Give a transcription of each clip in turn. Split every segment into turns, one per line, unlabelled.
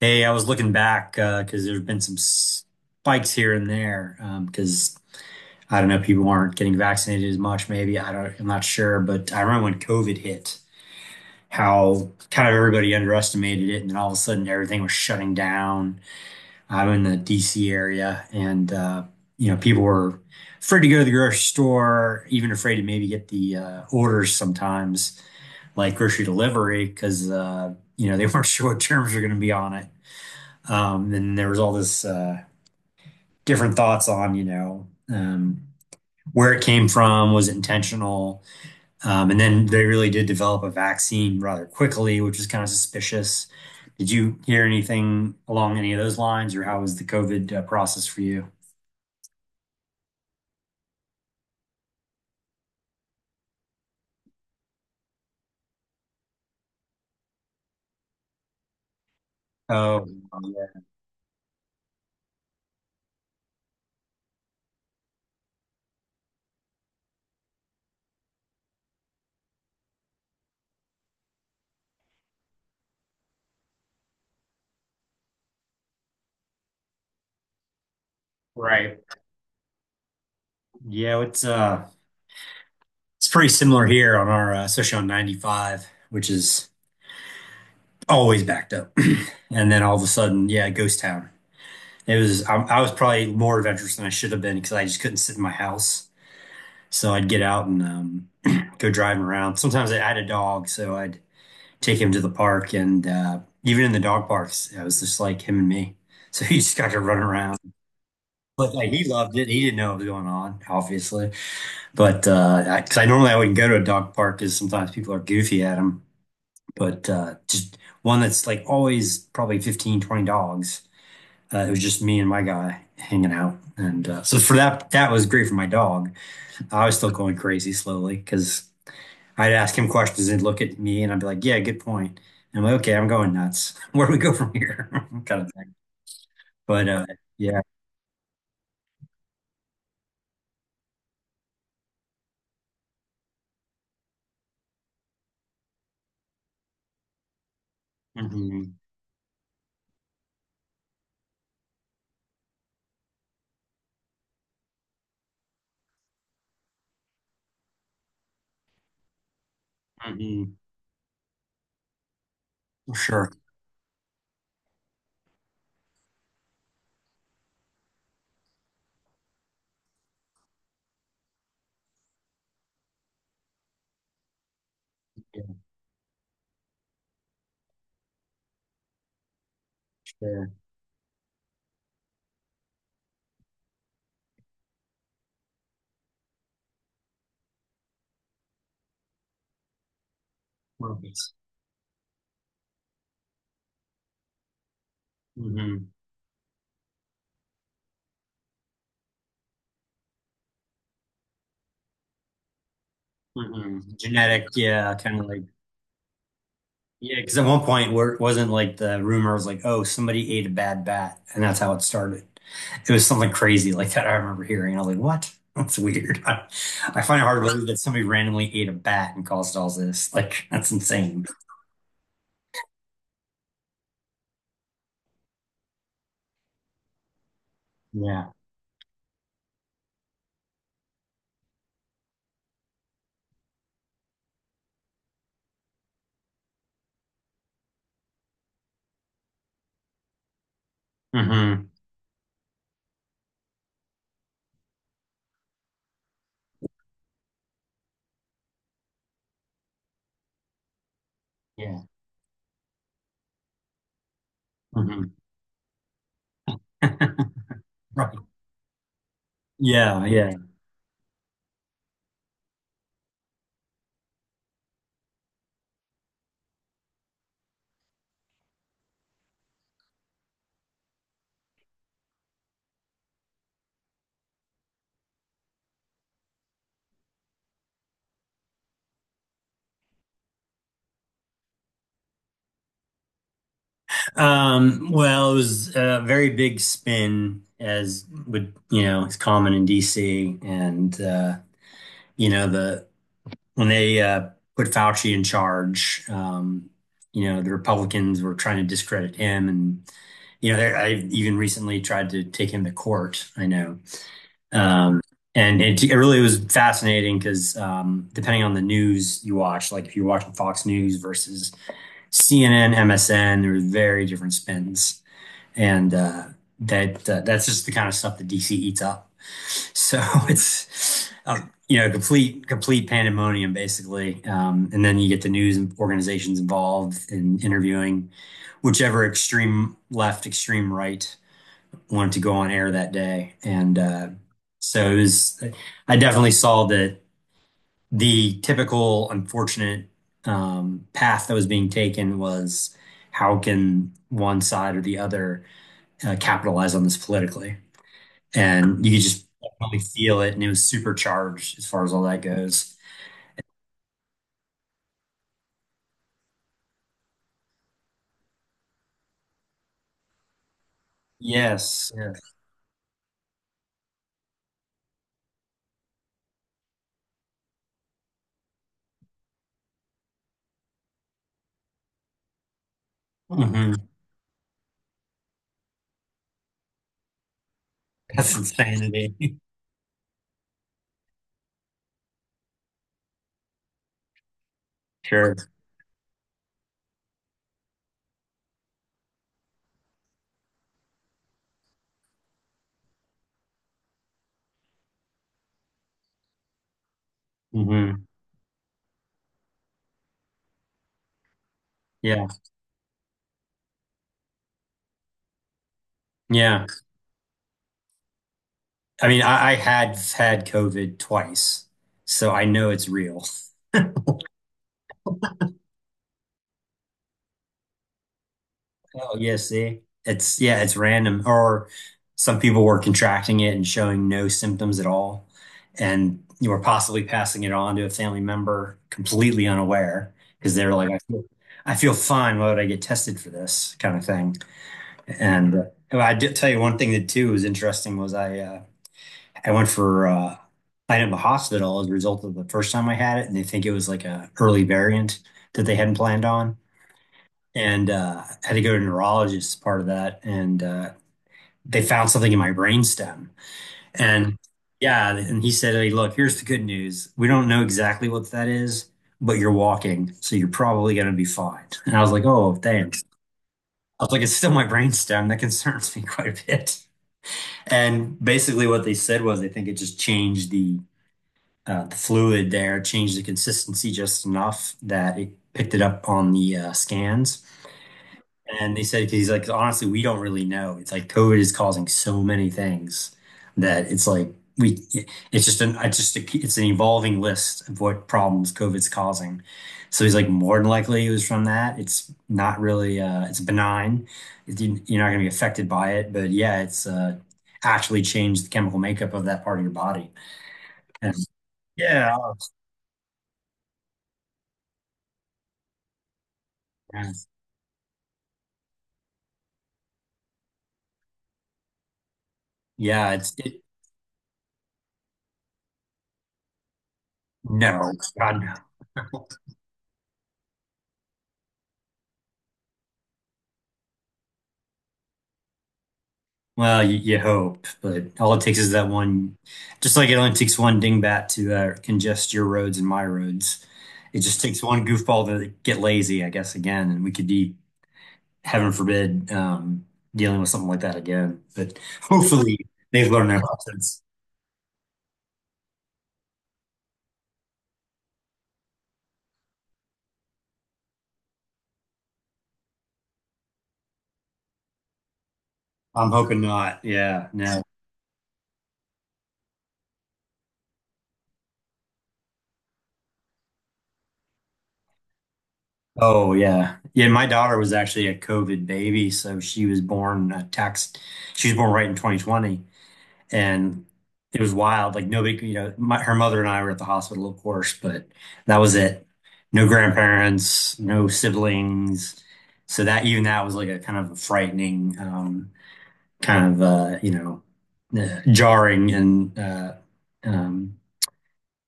Hey, I was looking back, because there have been some spikes here and there, because I don't know, people aren't getting vaccinated as much. Maybe I'm not sure, but I remember when COVID hit, how kind of everybody underestimated it, and then all of a sudden everything was shutting down. I'm in the DC area, and people were afraid to go to the grocery store, even afraid to maybe get the orders sometimes, like grocery delivery, because you know they weren't sure what terms were going to be on it. And there was all this different thoughts on, um, where it came from, was it intentional? And then they really did develop a vaccine rather quickly, which was kind of suspicious. Did you hear anything along any of those lines, or how was the COVID process for you? Oh, yeah. Right. Yeah, it's pretty similar here on especially on 95, which is always backed up. And then all of a sudden, yeah, ghost town. I was probably more adventurous than I should have been because I just couldn't sit in my house. So I'd get out and go driving around. Sometimes I had a dog, so I'd take him to the park, and even in the dog parks, it was just like him and me. So he just got to run around. But like he loved it. He didn't know what was going on, obviously. But 'cause I normally I wouldn't go to a dog park because sometimes people are goofy at them. But just one that's like always probably 15, 20 dogs. It was just me and my guy hanging out, and so for that, that was great for my dog. I was still going crazy slowly because I'd ask him questions, and he'd look at me, and I'd be like, "Yeah, good point." And I'm like, "Okay, I'm going nuts. Where do we go from here?" kind of thing. But yeah, hmm. Hmm. Sure, yeah, sure, markets. Hmm. Hmm. Genetic, yeah, kind of like, yeah, because at one point where it wasn't like the rumor was like, oh, somebody ate a bad bat, and that's how it started. It was something crazy like that. I remember hearing. I was like, what? That's weird. I find it hard to believe that somebody randomly ate a bat and caused all this. Like, that's insane. Yeah. Hmm. Yeah. Hmm. Right. Yeah, yeah. Well, it was a very big spin, as would, you know, it's common in DC, and the when they put Fauci in charge, the Republicans were trying to discredit him. And, I even recently tried to take him to court, I know. Um, and it really was fascinating because depending on the news you watch, like if you're watching Fox News versus CNN, MSN, there were very different spins and that's just the kind of stuff that DC eats up. So it's you know complete pandemonium basically, and then you get the news and organizations involved in interviewing whichever extreme left, extreme right wanted to go on air that day, and so it was. I definitely saw that the typical unfortunate path that was being taken was how can one side or the other capitalize on this politically. And you could just definitely feel it, and it was supercharged as far as all that goes. Yes. Yeah. Hmm. That's insanity. Sure. Hmm. Yeah. Yeah. I mean, I had had COVID twice, so I know it's real. Oh, yeah, see? It's Yeah, it's random. Or some people were contracting it and showing no symptoms at all, and you were possibly passing it on to a family member completely unaware because they were like, I feel fine. Why would I get tested for this kind of thing? And well, I did tell you one thing that too was interesting was I went for I ended up in the hospital as a result of the first time I had it, and they think it was like a early variant that they hadn't planned on, and had to go to a neurologist as part of that. And they found something in my brainstem. And, yeah, and he said, "Hey, look, here's the good news. We don't know exactly what that is, but you're walking, so you're probably going to be fine." And I was like, "Oh, thanks." I was like, "It's still my brainstem. That concerns me quite a bit." And basically, what they said was, I think it just changed the the fluid there, changed the consistency just enough that it picked it up on the scans. And they said, 'cause he's like, honestly, we don't really know. It's like COVID is causing so many things that it's like it's an evolving list of what problems COVID's causing. So he's like, more than likely it was from that. It's not really, it's benign. You're not going to be affected by it, but yeah, it's actually changed the chemical makeup of that part of your body. And, yeah, yeah, no, God no. Well, you hope, but all it takes is that one. Just like it only takes one dingbat to congest your roads and my roads, it just takes one goofball to get lazy, I guess, again, and we could be, heaven forbid, dealing with something like that again. But hopefully, they've learned their lessons. I'm hoping not. Yeah, no. Oh, yeah. Yeah, my daughter was actually a COVID baby, so she was born a tax. She was born right in 2020. And it was wild. Like her mother and I were at the hospital, of course, but that was it. No grandparents, no siblings. So that even that was like a kind of a frightening, kind of jarring and um,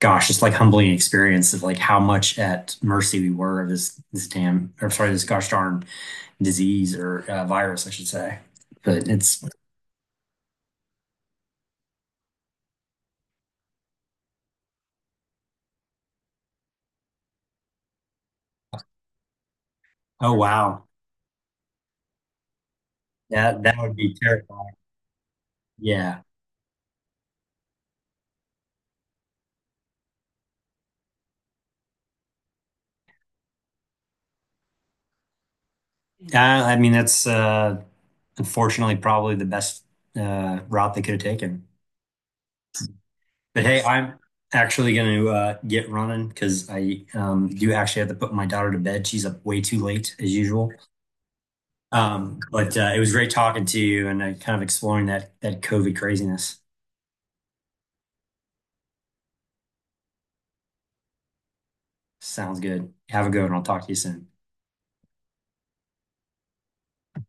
gosh, just like humbling experience of like how much at mercy we were of this damn or sorry, this gosh darn disease or virus, I should say. But it's oh wow, that would be terrifying. Yeah. I mean, that's unfortunately probably the best route they could have taken. But hey, I'm actually going to get running because I do actually have to put my daughter to bed. She's up way too late as usual. But it was great talking to you and kind of exploring that COVID craziness. Sounds good. Have a good one. I'll talk to you soon.